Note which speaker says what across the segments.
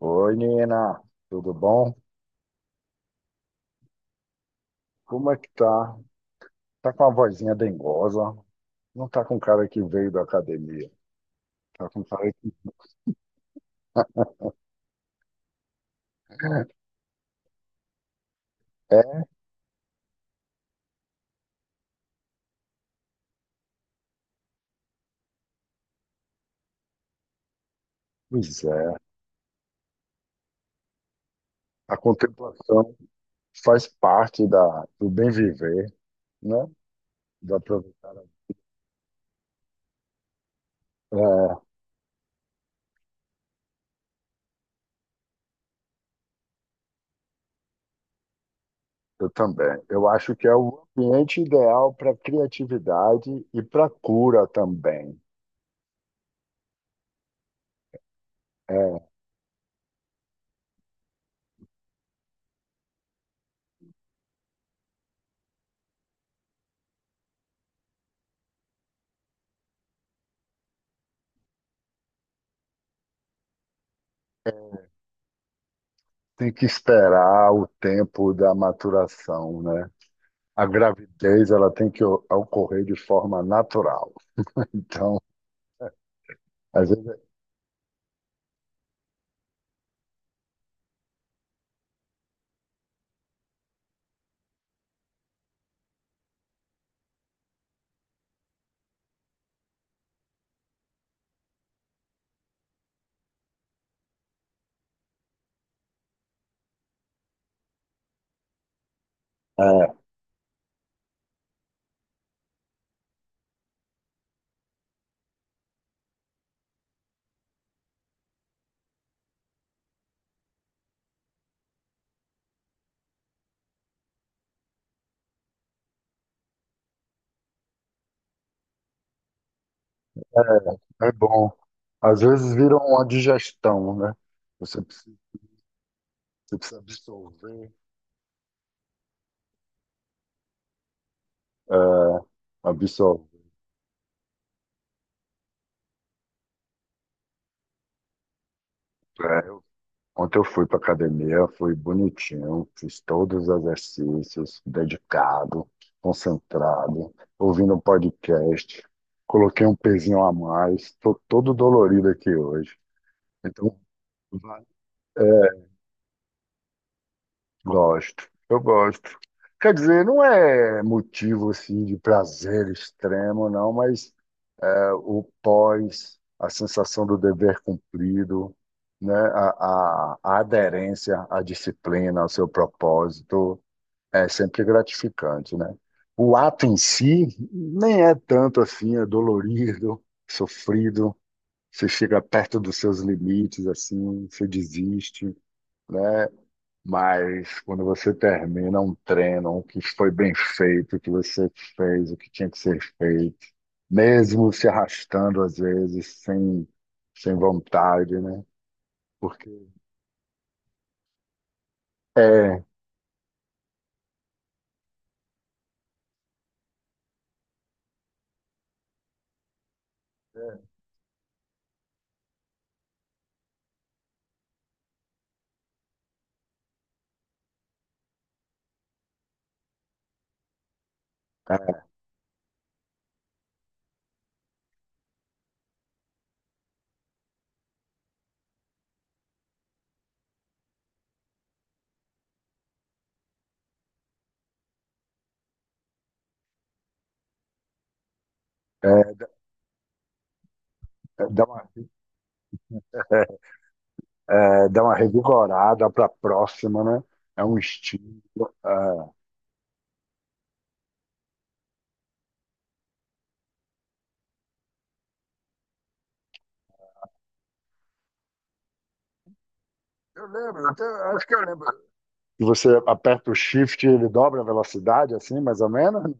Speaker 1: Oi, Nina, tudo bom? Como é que tá? Tá com uma vozinha dengosa? Não tá com cara que veio da academia. Tá com cara que... É, pois é. A contemplação faz parte da, do bem viver, né? Da aproveitar. É, eu também. Eu acho que é o ambiente ideal para criatividade e para cura também. É, é, tem que esperar o tempo da maturação, né? A gravidez ela tem que ocorrer de forma natural. Então, às vezes é, é bom. Às vezes vira uma digestão, né? Você precisa, você precisa absorver, é, absorver. É, eu- Ontem eu fui para academia, fui bonitinho, fiz todos os exercícios, dedicado, concentrado, ouvindo um podcast, coloquei um pezinho a mais, estou todo dolorido aqui hoje. Então, gosto, eu gosto. Quer dizer, não é motivo assim de prazer extremo, não, mas é, o pós, a sensação do dever cumprido, né, a aderência à disciplina, ao seu propósito, é sempre gratificante, né? O ato em si nem é tanto assim, é dolorido, sofrido, você chega perto dos seus limites, assim, você desiste, né? Mas quando você termina um treino, o que foi bem feito, o que você fez o que tinha que ser feito, mesmo se arrastando às vezes, sem vontade, né? Porque é, é, é, é, dá uma, é, dá uma revigorada para a próxima, né? É um estímulo. É. Eu lembro, até, acho que eu lembro. E você aperta o shift e ele dobra a velocidade, assim, mais ou menos?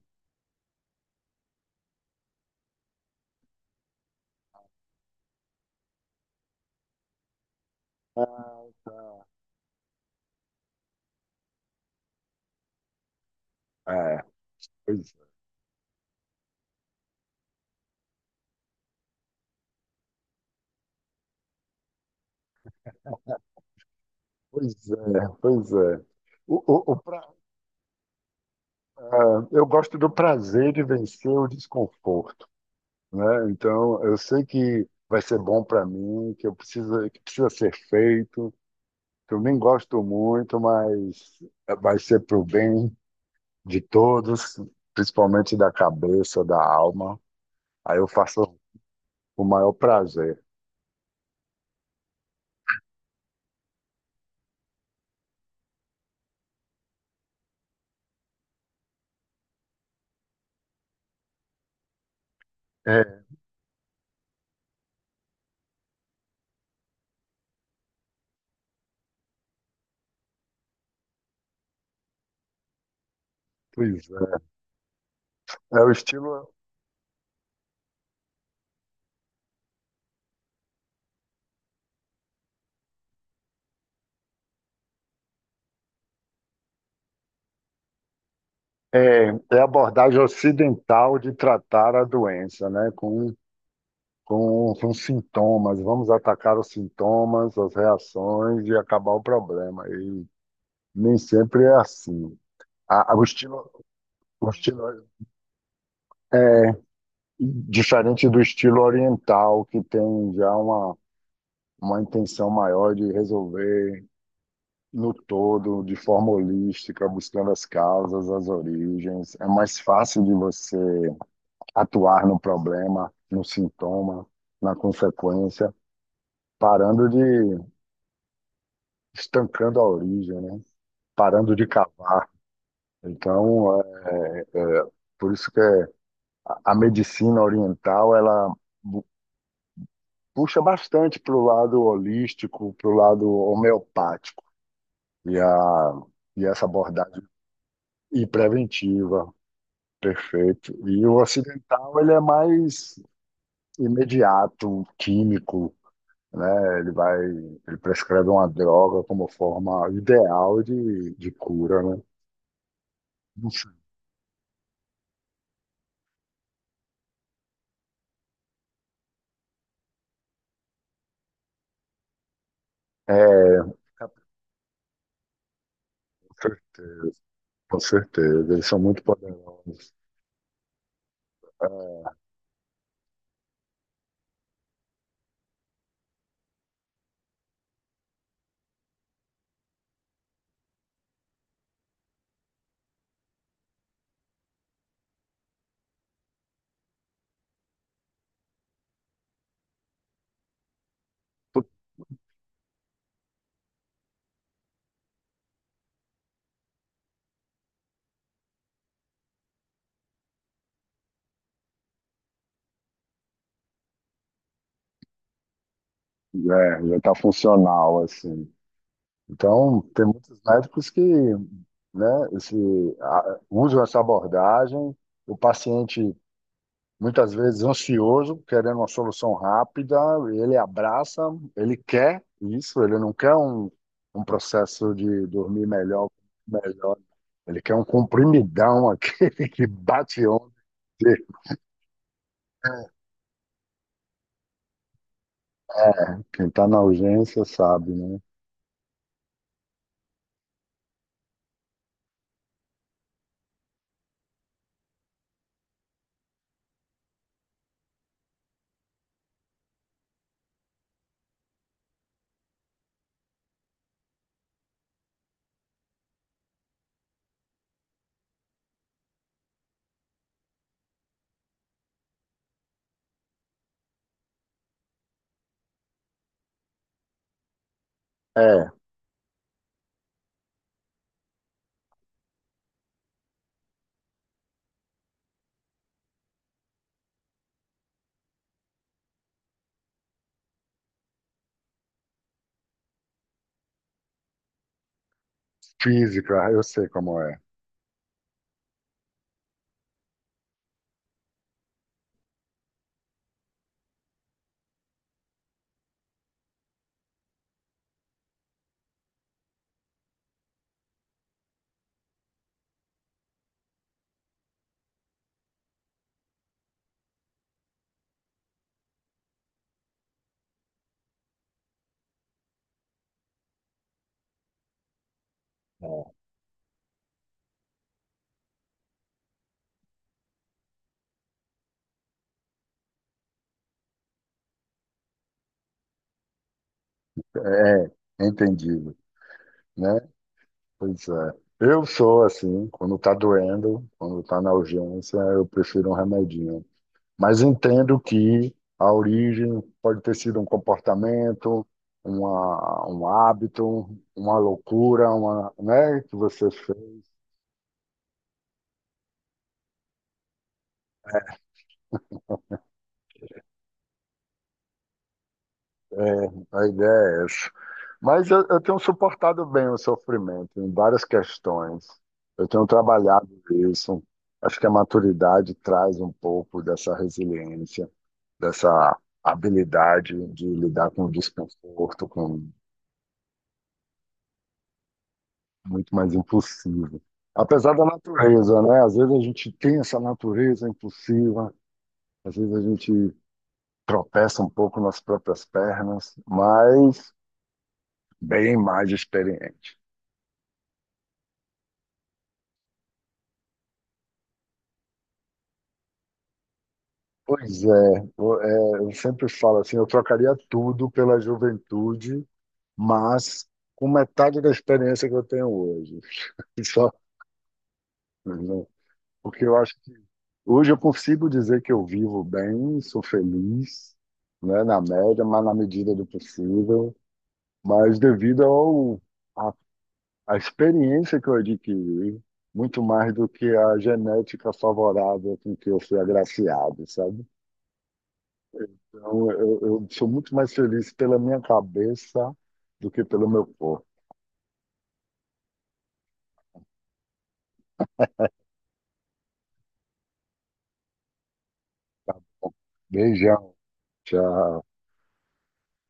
Speaker 1: É, tá. É, pois pois é. O, o, o pra- ah, eu gosto do prazer de vencer o desconforto, né? Então, eu sei que vai ser bom para mim, que eu preciso, que precisa ser feito, que eu nem gosto muito, mas vai ser para o bem de todos, principalmente da cabeça, da alma. Aí eu faço com o maior prazer. É, pois é. É o estilo, é a abordagem ocidental de tratar a doença, né? Com sintomas. Vamos atacar os sintomas, as reações e acabar o problema. E nem sempre é assim. O estilo, o estilo, diferente do estilo oriental, que tem já uma, uma intenção maior de resolver no todo, de forma holística, buscando as causas, as origens. É mais fácil de você atuar no problema, no sintoma, na consequência, parando de estancando a origem, né? Parando de cavar. Então, é, é, por isso que a medicina oriental, ela bu- puxa bastante para o lado holístico, para o lado homeopático. E, a, e essa abordagem e preventiva, perfeito. E o ocidental, ele é mais imediato, químico, né? Ele prescreve uma droga como forma ideal de cura, né? Não sei. É, com certeza. Com certeza, eles são muito poderosos. É, putz, é, já está funcional, assim. Então, tem muitos médicos que, né, esse, usam essa abordagem. O paciente, muitas vezes, ansioso, querendo uma solução rápida, ele abraça, ele quer isso, ele não quer um processo de dormir melhor, melhor. Ele quer um comprimidão, aquele que bate onde. É, quem está na urgência sabe, né? É, física, eu sei como é. É. É, é entendido, né? Pois é. Eu sou assim, quando tá doendo, quando tá na urgência, eu prefiro um remedinho. Mas entendo que a origem pode ter sido um comportamento, um hábito, uma loucura, uma, né, que você fez. É, a ideia é essa. Mas eu tenho suportado bem o sofrimento em várias questões. Eu tenho trabalhado isso. Acho que a maturidade traz um pouco dessa resiliência, dessa habilidade de lidar com o desconforto, com muito mais impossível. Apesar da natureza, né? Às vezes a gente tem essa natureza impossível, às vezes a gente tropeça um pouco nas próprias pernas, mas bem mais experiente. Pois é, eu sempre falo assim, eu trocaria tudo pela juventude, mas com metade da experiência que eu tenho hoje. Só, né? Porque eu acho que hoje eu consigo dizer que eu vivo bem, sou feliz, né, na média, mas na medida do possível, mas devido a, a experiência que eu adquiri, muito mais do que a genética favorável com que eu fui agraciado, sabe? Então, eu sou muito mais feliz pela minha cabeça do que pelo meu corpo. Beijão. Tchau.